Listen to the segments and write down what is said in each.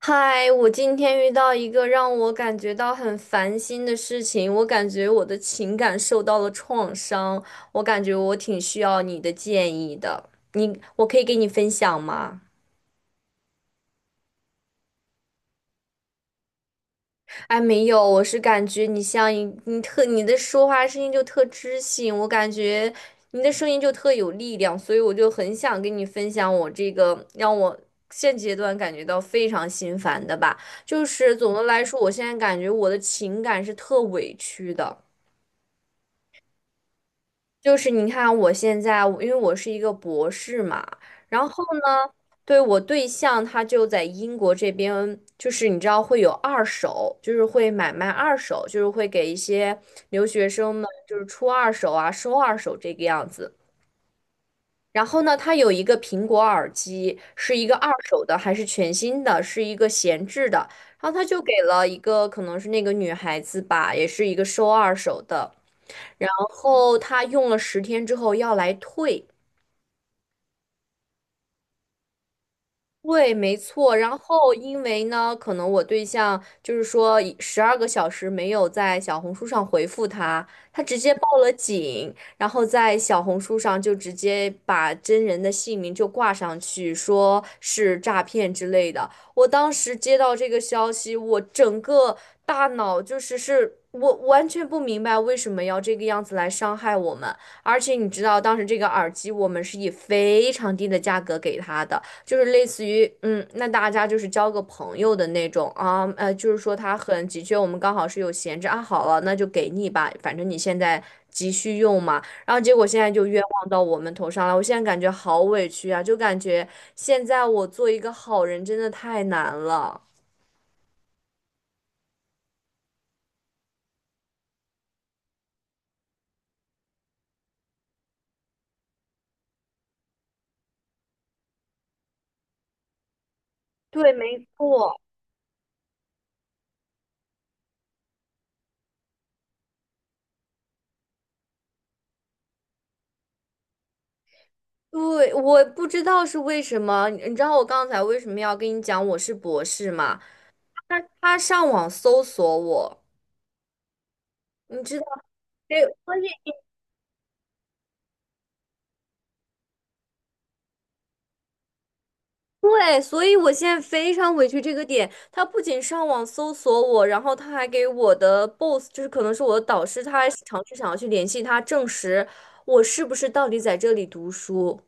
嗨，我今天遇到一个让我感觉到很烦心的事情，我感觉我的情感受到了创伤，我感觉我挺需要你的建议的，你，我可以给你分享吗？哎，没有，我是感觉你像一你特你的说话声音就特知性，我感觉你的声音就特有力量，所以我就很想跟你分享我这个让我现阶段感觉到非常心烦的吧，就是总的来说，我现在感觉我的情感是特委屈的。就是你看，我现在因为我是一个博士嘛，然后呢，对我对象他就在英国这边，就是你知道会有二手，就是会买卖二手，就是会给一些留学生们就是出二手啊，收二手这个样子。然后呢，他有一个苹果耳机，是一个二手的还是全新的，是一个闲置的。然后他就给了一个可能是那个女孩子吧，也是一个收二手的。然后他用了10天之后要来退，对，没错。然后，因为呢，可能我对象就是说，十二个小时没有在小红书上回复他，他直接报了警，然后在小红书上就直接把真人的姓名就挂上去，说是诈骗之类的。我当时接到这个消息，我整个大脑就是是。我完全不明白为什么要这个样子来伤害我们，而且你知道，当时这个耳机我们是以非常低的价格给他的。就是类似于，那大家就是交个朋友的那种啊，就是说他很急缺，我们刚好是有闲置啊，好了，那就给你吧，反正你现在急需用嘛。然后结果现在就冤枉到我们头上了，我现在感觉好委屈啊，就感觉现在我做一个好人真的太难了。对，没错。对，我不知道是为什么，你知道我刚才为什么要跟你讲我是博士吗？他上网搜索我，你知道，对，所以。对，所以我现在非常委屈这个点。他不仅上网搜索我，然后他还给我的 boss，就是可能是我的导师，他还尝试想要去联系他，证实我是不是到底在这里读书。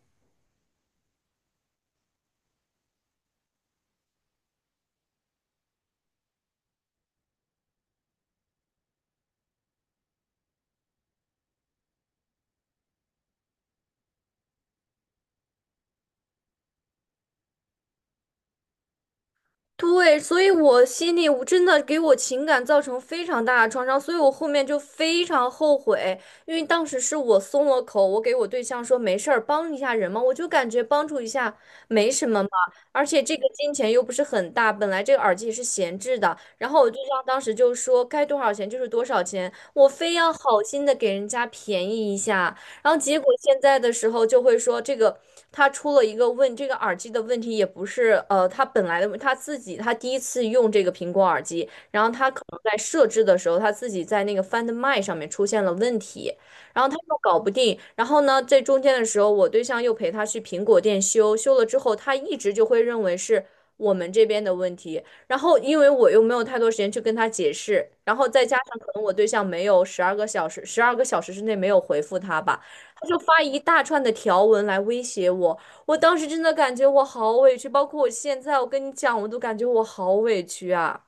对，所以我心里我真的给我情感造成非常大的创伤，所以我后面就非常后悔，因为当时是我松了口，我给我对象说没事儿，帮一下人嘛，我就感觉帮助一下没什么嘛，而且这个金钱又不是很大，本来这个耳机也是闲置的，然后我对象当时就说该多少钱就是多少钱，我非要好心的给人家便宜一下。然后结果现在的时候就会说，这个他出了一个问，这个耳机的问题也不是他本来的问他自己他第一次用这个苹果耳机，然后他可能在设置的时候，他自己在那个 Find My 上面出现了问题，然后他又搞不定，然后呢，在中间的时候，我对象又陪他去苹果店修，修了之后，他一直就会认为是我们这边的问题。然后因为我又没有太多时间去跟他解释，然后再加上可能我对象没有十二个小时，十二个小时之内没有回复他吧。就发一大串的条文来威胁我，我当时真的感觉我好委屈，包括我现在，我跟你讲，我都感觉我好委屈啊。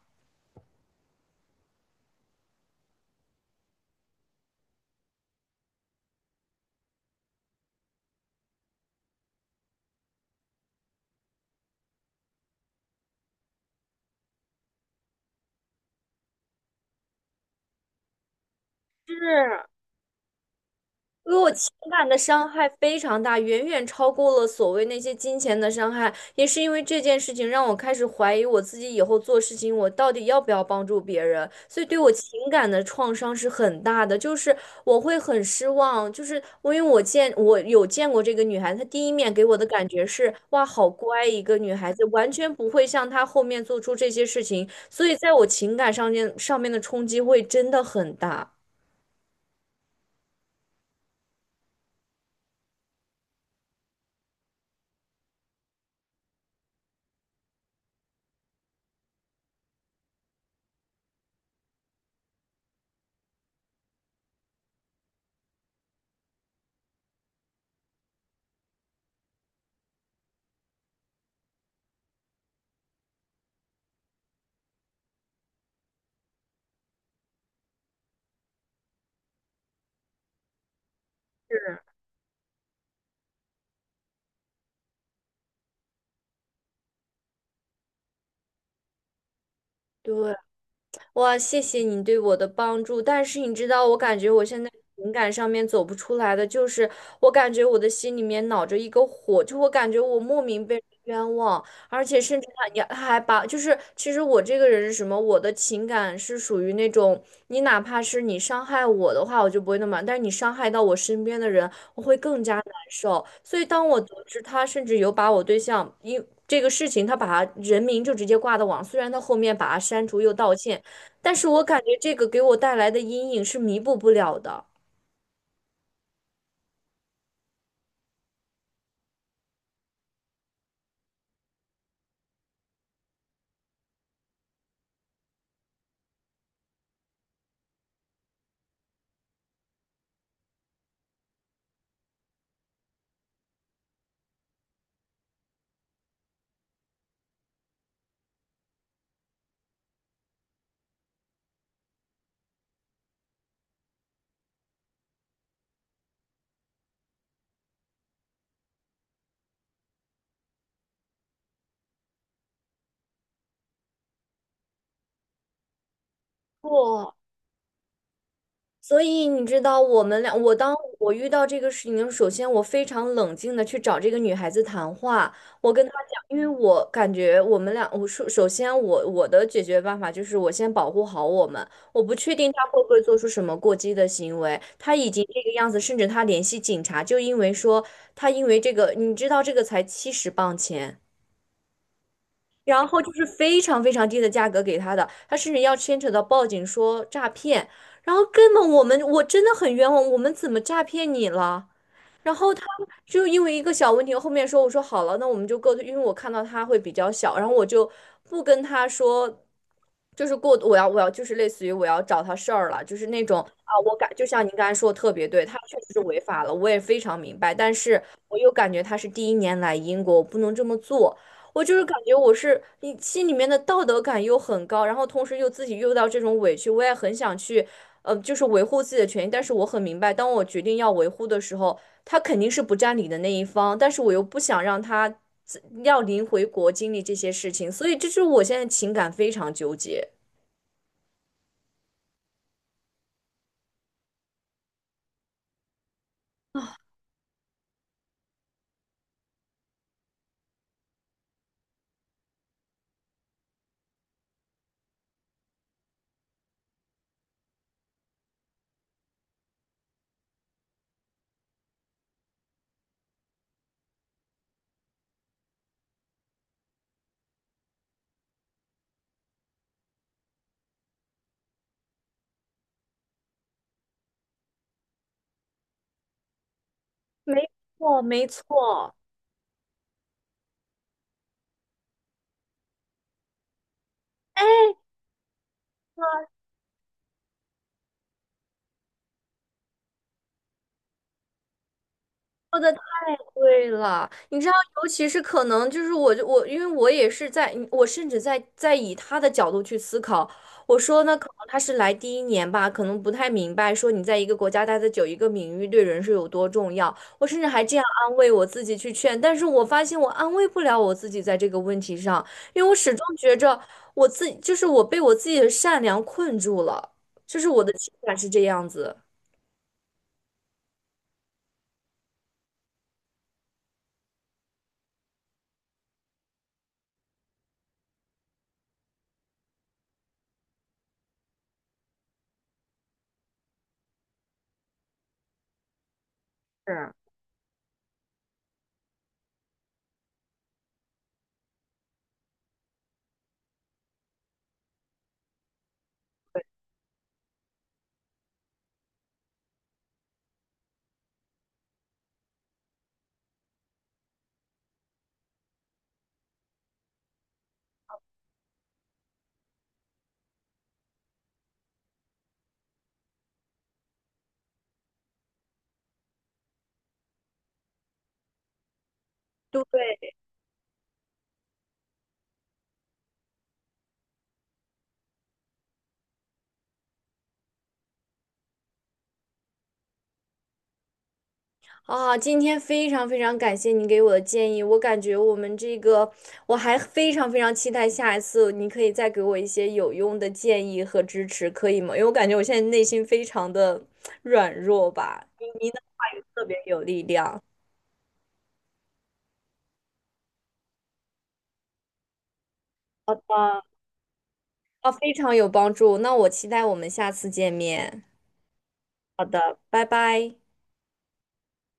是因为我情感的伤害非常大，远远超过了所谓那些金钱的伤害。也是因为这件事情，让我开始怀疑我自己以后做事情，我到底要不要帮助别人。所以对我情感的创伤是很大的，就是我会很失望。就是我因为我见我有见过这个女孩子她第一面给我的感觉是哇，好乖一个女孩子，完全不会像她后面做出这些事情。所以在我情感上面的冲击会真的很大。是对。哇，谢谢你对我的帮助，但是你知道，我感觉我现在情感上面走不出来的，就是我感觉我的心里面恼着一个火，就我感觉我莫名被人冤枉，而且甚至他你还把，就是其实我这个人是什么，我的情感是属于那种，你哪怕是你伤害我的话，我就不会那么，但是你伤害到我身边的人，我会更加难受。所以当我得知他甚至有把我对象因这个事情，他把他人名就直接挂到网，虽然他后面把他删除又道歉。但是我感觉这个给我带来的阴影是弥补不了的。不，所以你知道，我们俩，我当我遇到这个事情的时候，首先我非常冷静的去找这个女孩子谈话，我跟她讲，因为我感觉我们俩，我首先我的解决办法就是我先保护好我们，我不确定她会不会做出什么过激的行为，她已经这个样子，甚至她联系警察，就因为说她因为这个，你知道这个才70磅钱。然后就是非常非常低的价格给他的，他甚至要牵扯到报警说诈骗，然后根本我们我真的很冤枉，我们怎么诈骗你了？然后他就因为一个小问题，后面说我说好了，那我们就各退，因为我看到他会比较小，然后我就不跟他说，就是过我要就是类似于我要找他事儿了，就是那种啊，我感就像您刚才说的特别对，他确实是违法了，我也非常明白，但是我又感觉他是第一年来英国，我不能这么做。我就是感觉我是你心里面的道德感又很高，然后同时又自己又到这种委屈，我也很想去就是维护自己的权益。但是我很明白，当我决定要维护的时候，他肯定是不占理的那一方，但是我又不想让他自要临回国经历这些事情，所以这就是我现在情感非常纠结。没错，没错。说的太贵了，你知道，尤其是可能就是我，因为我也是在，我甚至在以他的角度去思考，我说呢，可能他是来第一年吧，可能不太明白说你在一个国家待的久，一个名誉对人是有多重要，我甚至还这样安慰我自己去劝，但是我发现我安慰不了我自己在这个问题上，因为我始终觉着我自己就是我被我自己的善良困住了，就是我的情感是这样子，是。对。啊，今天非常非常感谢你给我的建议，我感觉我们这个，我还非常非常期待下一次你可以再给我一些有用的建议和支持，可以吗？因为我感觉我现在内心非常的软弱吧，你您的话语特别有力量。好的，啊，非常有帮助。那我期待我们下次见面。好的，拜拜。